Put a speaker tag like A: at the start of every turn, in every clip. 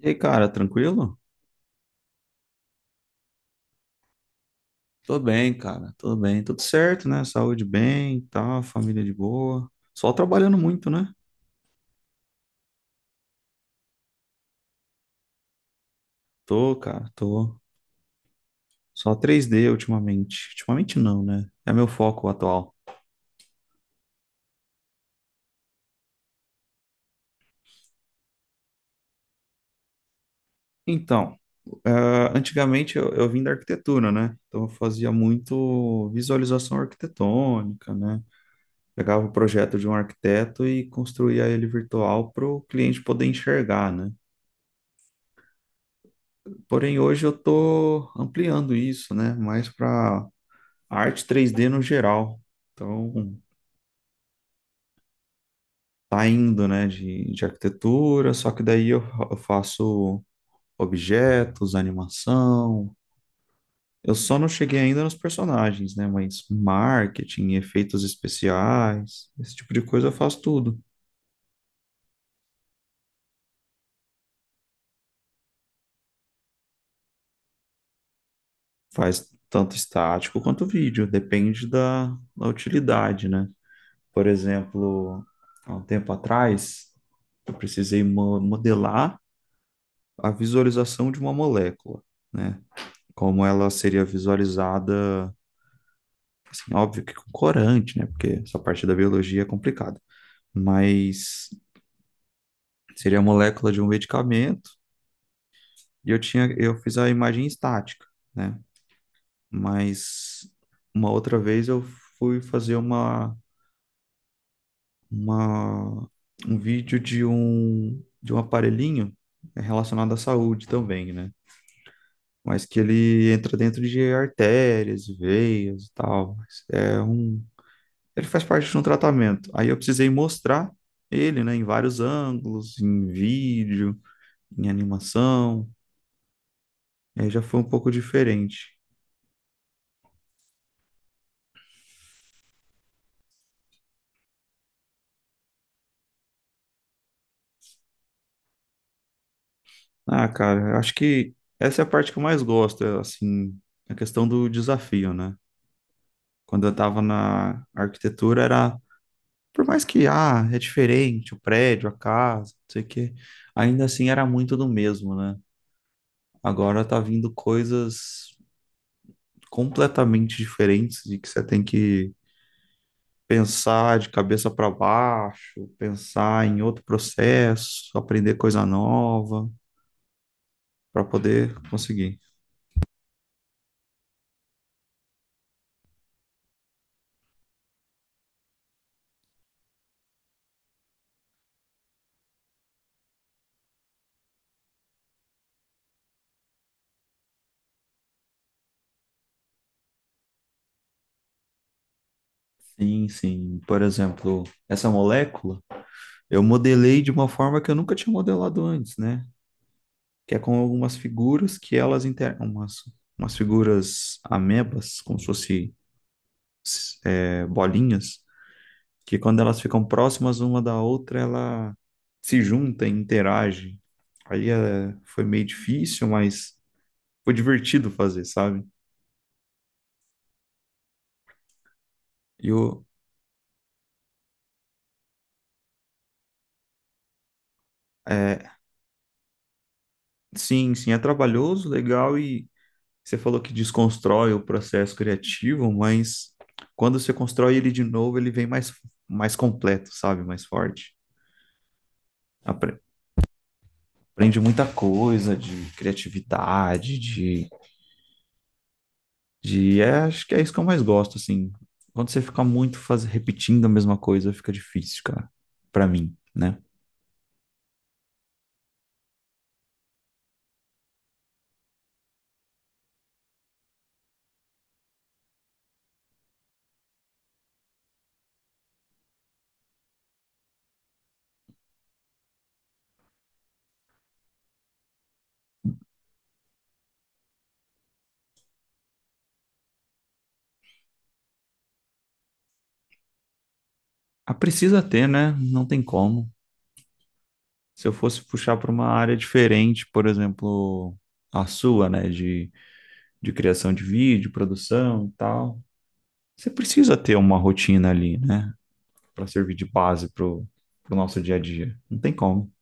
A: E aí, cara, tranquilo? Tô bem, cara, tudo bem, tudo certo, né? Saúde bem, e tal, família de boa. Só trabalhando muito, né? Tô, cara, tô. Só 3D ultimamente. Ultimamente não, né? É meu foco atual. Então, ah, antigamente eu vim da arquitetura, né? Então eu fazia muito visualização arquitetônica, né? Pegava o projeto de um arquiteto e construía ele virtual para o cliente poder enxergar, né? Porém, hoje eu tô ampliando isso, né? Mais para a arte 3D no geral. Então, tá indo, né, de arquitetura, só que daí eu faço objetos, animação. Eu só não cheguei ainda nos personagens, né, mas marketing, efeitos especiais, esse tipo de coisa eu faço tudo. Faz tanto estático quanto vídeo, depende da utilidade, né? Por exemplo, há um tempo atrás, eu precisei modelar a visualização de uma molécula, né, como ela seria visualizada, assim, óbvio que com corante, né? Porque essa parte da biologia é complicada. Mas seria a molécula de um medicamento e eu fiz a imagem estática, né? Mas uma outra vez eu fui fazer uma um vídeo de um aparelhinho relacionado à saúde também, né? Mas que ele entra dentro de artérias, veias e tal. Ele faz parte de um tratamento. Aí eu precisei mostrar ele, né, em vários ângulos, em vídeo, em animação. Aí já foi um pouco diferente. Ah, cara, eu acho que essa é a parte que eu mais gosto, é, assim, a questão do desafio, né? Quando eu tava na arquitetura, era, por mais que, ah, é diferente, o prédio, a casa, não sei o quê, ainda assim era muito do mesmo, né? Agora tá vindo coisas completamente diferentes e que você tem que pensar de cabeça para baixo, pensar em outro processo, aprender coisa nova para poder conseguir. Sim, sim. Por exemplo, essa molécula eu modelei de uma forma que eu nunca tinha modelado antes, né? Que é com algumas figuras que elas umas figuras amebas, como se fosse é, bolinhas, que quando elas ficam próximas uma da outra, ela se junta e interage. Aí é, foi meio difícil, mas foi divertido fazer, sabe? E o, É, sim, sim, é trabalhoso, legal, e você falou que desconstrói o processo criativo, mas quando você constrói ele de novo, ele vem mais, completo, sabe? Mais forte. Apre- Aprende muita coisa de criatividade, acho que é isso que eu mais gosto, assim. Quando você fica muito repetindo a mesma coisa, fica difícil, cara, pra mim, né? Ah, precisa ter, né? Não tem como. Se eu fosse puxar para uma área diferente, por exemplo, a sua, né, de criação de vídeo, produção e tal, você precisa ter uma rotina ali, né, para servir de base pro nosso dia a dia. Não tem como.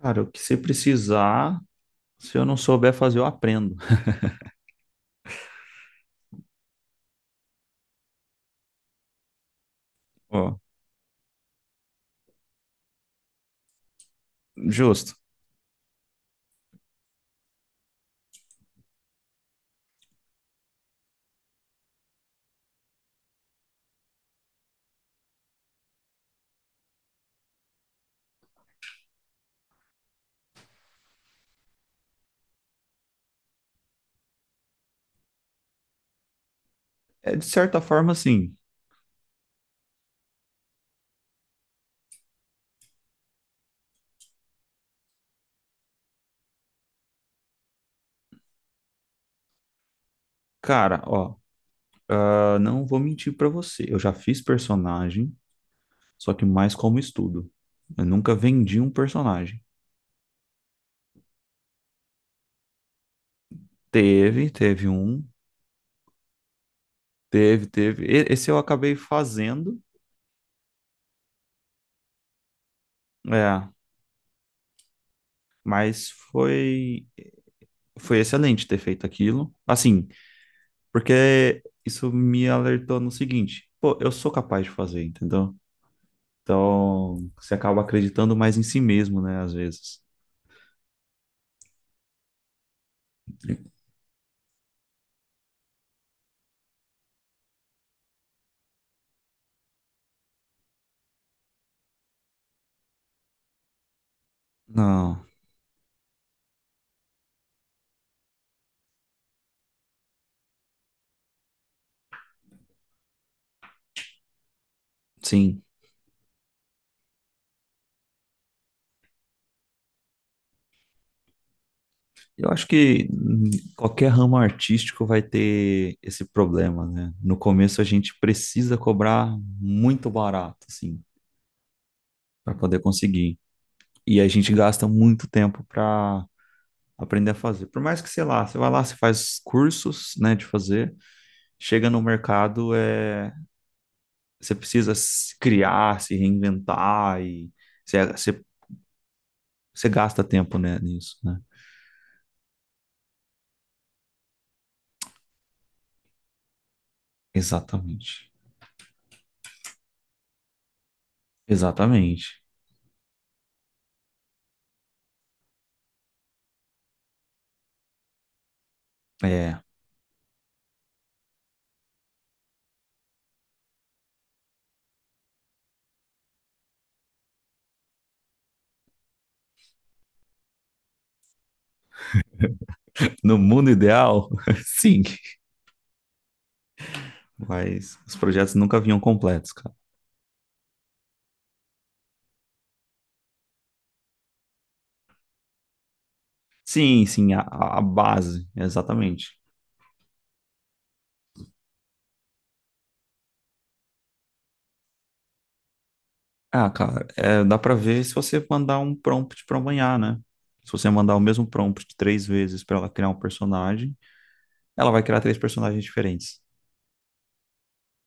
A: Cara, o que você precisar, se eu não souber fazer, eu aprendo. Ó, justo. É de certa forma assim, cara, ó, ah, não vou mentir para você. Eu já fiz personagem, só que mais como estudo. Eu nunca vendi um personagem. Teve, teve um. Teve, teve. Esse eu acabei fazendo, é, mas foi excelente ter feito aquilo. Assim, porque isso me alertou no seguinte, pô, eu sou capaz de fazer, entendeu? Então, você acaba acreditando mais em si mesmo, né, às vezes. Não, sim. Eu acho que qualquer ramo artístico vai ter esse problema, né? No começo a gente precisa cobrar muito barato, assim, para poder conseguir. E a gente gasta muito tempo para aprender a fazer. Por mais que, sei lá, você vai lá, você faz cursos, né, de fazer, chega no mercado, é, você precisa se criar, se reinventar, e você, você, você gasta tempo, né, nisso, né? Exatamente. Exatamente. É, no mundo ideal, sim, mas os projetos nunca vinham completos, cara. Sim, sim, a base, exatamente. Ah, cara, é, dá pra ver se você mandar um prompt pra amanhã, né? Se você mandar o mesmo prompt três vezes pra ela criar um personagem, ela vai criar três personagens diferentes.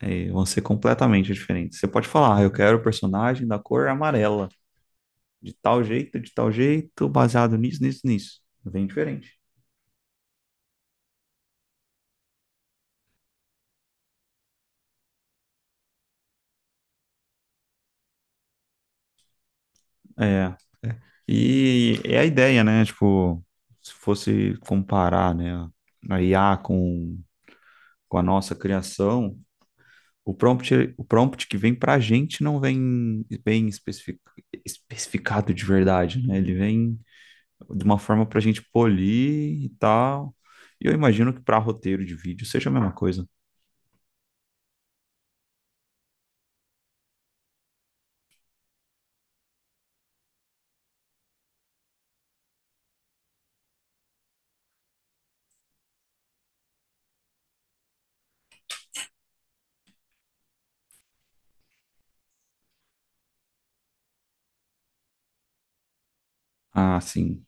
A: É, vão ser completamente diferentes. Você pode falar, ah, eu quero o personagem da cor amarela, de tal jeito, baseado nisso, nisso, nisso. Vem diferente. É, e é a ideia, né? Tipo, se fosse comparar, né, a IA com, a nossa criação. O prompt, o prompt que vem para a gente não vem bem especificado de verdade, né? Ele vem de uma forma para a gente polir e tal. E eu imagino que para roteiro de vídeo seja a mesma coisa. Ah, sim.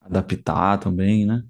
A: Adaptar também, né?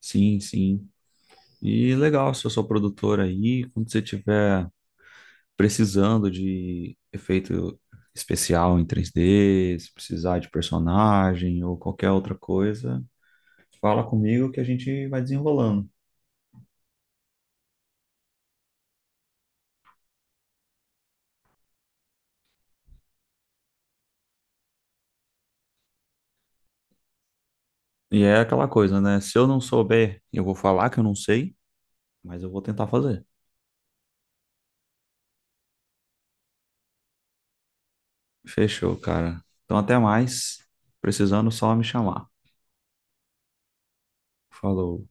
A: Sim, sim. E legal, se eu sou produtor aí, quando você estiver precisando de efeito especial em 3D, se precisar de personagem ou qualquer outra coisa, fala comigo que a gente vai desenrolando. E é aquela coisa, né? Se eu não souber, eu vou falar que eu não sei, mas eu vou tentar fazer. Fechou, cara. Então, até mais. Precisando, só me chamar. Falou.